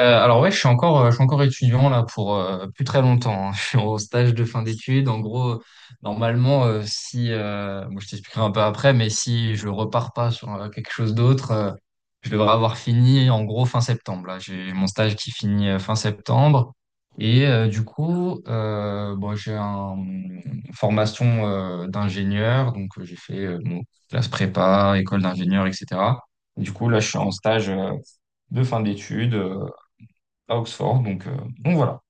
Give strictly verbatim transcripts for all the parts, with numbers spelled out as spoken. Euh, alors ouais, je suis encore, euh, je suis encore étudiant là pour euh, plus très longtemps, hein. Je suis au stage de fin d'études. En gros, normalement, euh, si, euh, bon, je t'expliquerai un peu après, mais si je repars pas sur euh, quelque chose d'autre, euh, je devrais avoir fini en gros fin septembre. Là, j'ai mon stage qui finit euh, fin septembre. Et euh, du coup, euh, bon, j'ai un- une formation euh, d'ingénieur, donc euh, j'ai fait euh, bon, classe prépa, école d'ingénieur, et cetera. Du coup, là, je suis en stage euh, de fin d'études, euh, à Oxford. Donc, euh, donc voilà.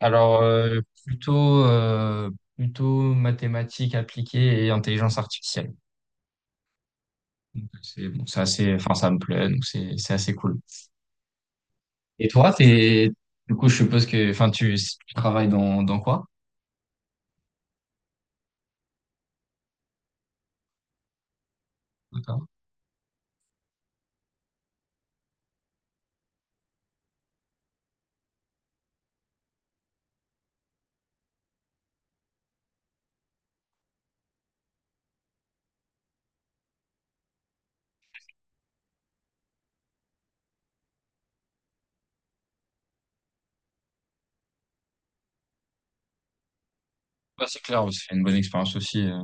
Alors, euh, plutôt, euh, plutôt mathématiques appliquées et intelligence artificielle. Donc, C'est bon, c'est assez, enfin, ça me plaît, donc c'est, c'est assez cool. Et toi, t'es, du coup, je suppose que, enfin, tu, tu travailles dans, dans quoi? D'accord. Bah, c'est clair, c'est une bonne expérience aussi. euh.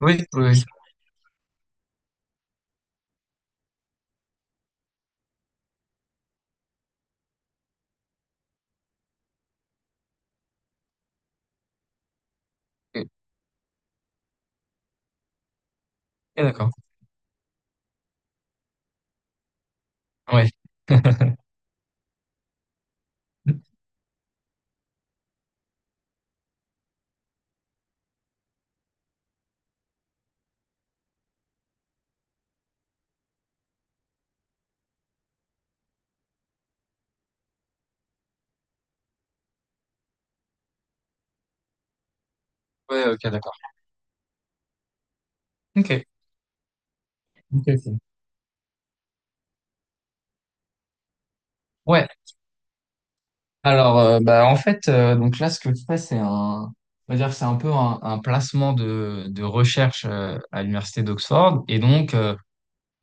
Oui, oui, oui. Ok, d'accord. Ouais. Ouais, ok, d'accord. Ok. Ok, ok. Ouais, alors, euh, bah, en fait, euh, donc là, ce que je fais, c'est un, on va dire, que c'est un peu un, un placement de, de recherche, euh, à l'université d'Oxford. Et donc, euh,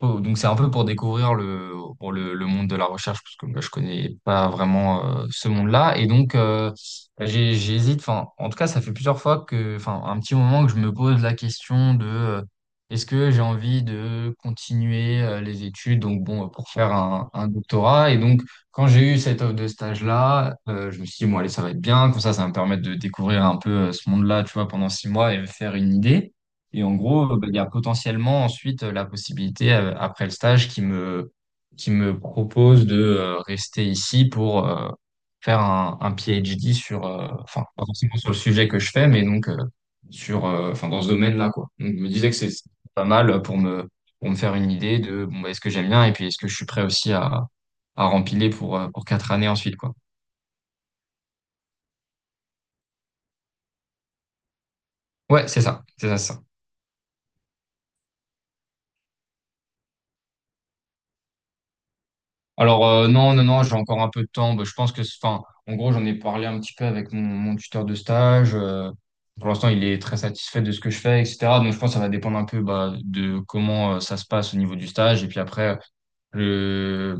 oh, donc c'est un peu pour découvrir le, pour le, le monde de la recherche, parce que moi je connais pas vraiment euh, ce monde-là. Et donc euh, bah, j'ai- j'hésite, enfin, en tout cas ça fait plusieurs fois que, enfin un petit moment que je me pose la question de euh, est-ce que j'ai envie de continuer euh, les études, donc bon, euh, pour faire un, un doctorat. Et donc quand j'ai eu cette offre de stage-là, euh, je me suis dit, bon allez, ça va être bien, comme ça ça va me permettre de découvrir un peu euh, ce monde-là, tu vois, pendant six mois et me faire une idée. Et en gros, bah, il y a potentiellement ensuite euh, la possibilité, euh, après le stage, qui me, qui me propose de euh, rester ici pour euh, faire un, un PhD sur, euh, enfin, pas forcément sur le sujet que je fais, mais donc euh, sur, euh, enfin, dans ce domaine-là, quoi. Donc, je me disais que c'est c'est pas mal pour me, pour me faire une idée de, bon, bah, est-ce que j'aime bien et puis est-ce que je suis prêt aussi à, à rempiler pour, euh, pour quatre années ensuite, quoi. Ouais, c'est ça, c'est ça, c'est ça. Alors euh, non, non, non, j'ai encore un peu de temps. Bah, je pense que, enfin, en gros, j'en ai parlé un petit peu avec mon, mon tuteur de stage. Euh, pour l'instant, il est très satisfait de ce que je fais, et cetera. Donc, je pense que ça va dépendre un peu, bah, de comment euh, ça se passe au niveau du stage. Et puis après, je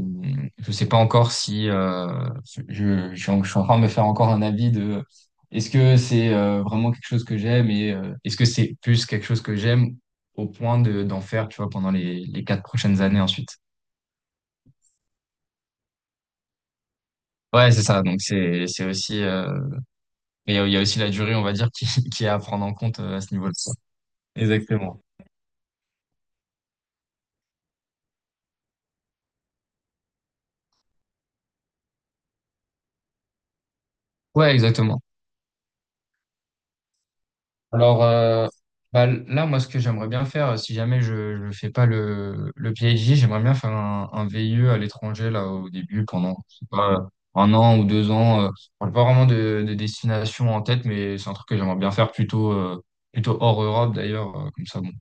je sais pas encore si euh, je, je suis en je suis en train de me faire encore un avis de est-ce que c'est euh, vraiment quelque chose que j'aime et euh, est-ce que c'est plus quelque chose que j'aime au point de d'en faire, tu vois, pendant les les quatre prochaines années ensuite. Ouais, c'est ça. Donc c'est c'est aussi, euh, mais il y a il y a aussi la durée, on va dire, qui qui est à prendre en compte euh, à ce niveau-là. Exactement. Ouais, exactement. Alors euh, bah, là, moi, ce que j'aimerais bien faire, euh, si jamais je je fais pas le le PhD, j'aimerais bien faire un, un V I E à l'étranger là au début pendant je sais pas, euh, un an ou deux ans. Euh, j'ai pas vraiment de, de destination en tête, mais c'est un truc que j'aimerais bien faire plutôt euh, plutôt hors Europe d'ailleurs, euh, comme ça bon.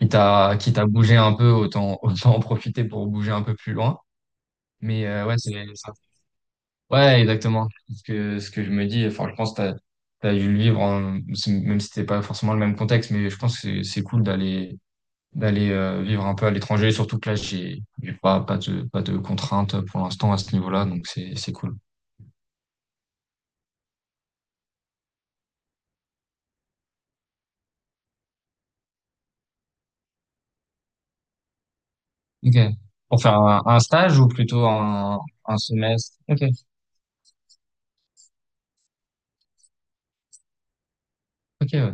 Quitte à quitte à bouger un peu, autant autant en profiter pour bouger un peu plus loin. Mais euh, ouais, c'est ça. Ouais, exactement. Ce que, ce que je me dis, enfin, je pense que t'as, t'as dû le vivre, en- c'est- même si c'était pas forcément le même contexte, mais je pense que c'est c'est cool d'aller d'aller euh, vivre un peu à l'étranger, surtout que là, j'ai j'ai pas, pas de, pas de contraintes pour l'instant à ce niveau-là, donc c'est c'est cool. Ok. Pour faire un, un stage ou plutôt un, un semestre? Ok, ok, ouais.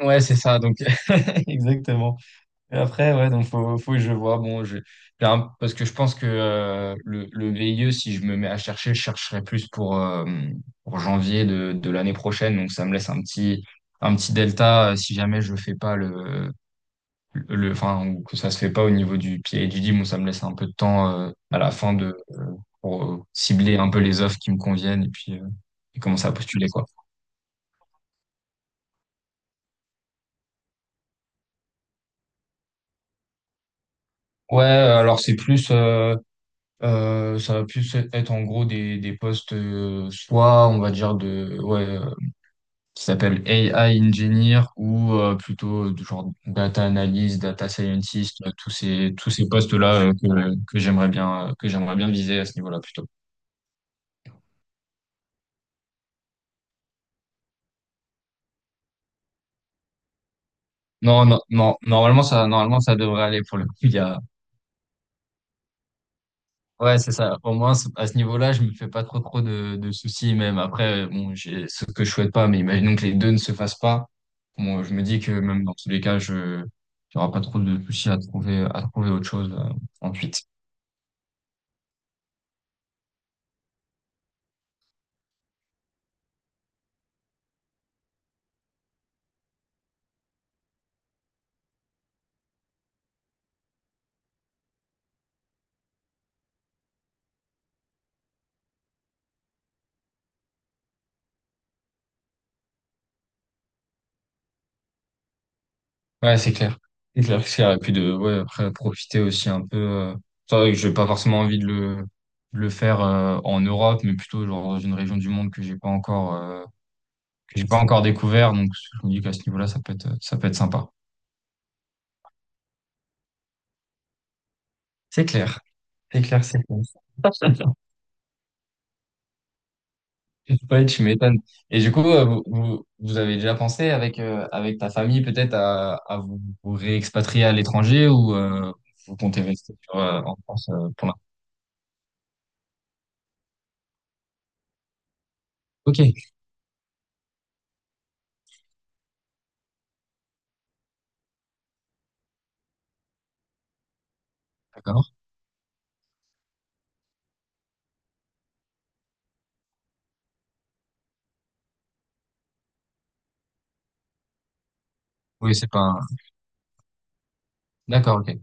Ouais, c'est ça, donc exactement. Et après, ouais, donc faut, faut que je vois. Bon, je, j'ai un- parce que je pense que euh, le, le V I E, si je me mets à chercher, je chercherai plus pour, euh, pour janvier de, de l'année prochaine. Donc ça me laisse un petit, un petit delta, euh, si jamais je fais pas le, le, enfin, ou que ça se fait pas au niveau du PhD. Bon, ça me laisse un peu de temps euh, à la fin de, euh, pour euh, cibler un peu les offres qui me conviennent et puis euh, et commencer à postuler, quoi. Ouais, alors c'est plus. euh, Euh, Ça va plus être en gros des, des postes, euh, soit on va dire de, ouais, euh, qui s'appelle A I engineer ou euh, plutôt euh, du genre data analyst, data scientist, euh, tous ces, tous ces postes-là, euh, que, que j'aimerais bien, euh, que j'aimerais bien viser à ce niveau-là plutôt. Non, non, non, normalement ça, normalement ça devrait aller pour le coup. Il y a. Ouais, c'est ça. Au moins, c- à ce niveau-là, je me fais pas trop trop de, de soucis. Même après, euh, bon, j'ai ce que je souhaite pas, mais imaginons que les deux ne se fassent pas. Bon, je me dis que même dans tous les cas, je j'aurai pas trop de soucis à trouver à trouver autre chose euh, ensuite. Ouais, c'est clair. C'est clair, c'est clair. Et puis de ouais, après profiter aussi un peu. Euh... C'est vrai que j'ai pas forcément envie de le de le faire euh, en Europe, mais plutôt genre dans une région du monde que j'ai pas encore euh, que j'ai pas encore découvert. Donc je me dis qu'à ce niveau-là, ça peut être ça peut être sympa. C'est clair. C'est clair, c'est clair. Ouais, tu m'étonnes. Et du coup, euh, vous, vous, vous avez déjà pensé avec, euh, avec ta famille peut-être à, à vous, vous réexpatrier à l'étranger ou euh, vous comptez rester sur, euh, en France, euh, pour l'instant? Ok, d'accord. Oui, c'est pas... un- D'accord, ok.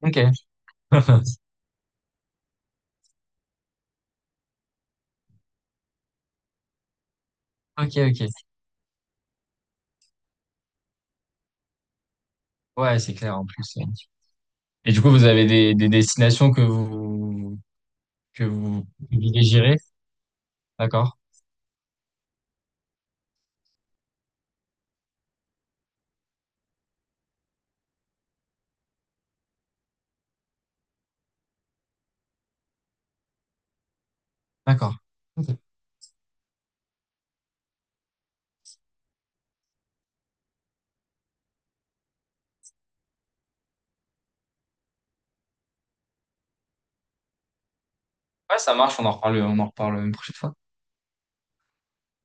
Ok. Ok, ok. Ouais, c'est clair en plus. euh. Et du coup, vous avez des, des destinations que vous, que vous privilégierez? D'accord, d'accord. Ok. Ouais, ça marche, on en reparle, on en reparle une prochaine fois.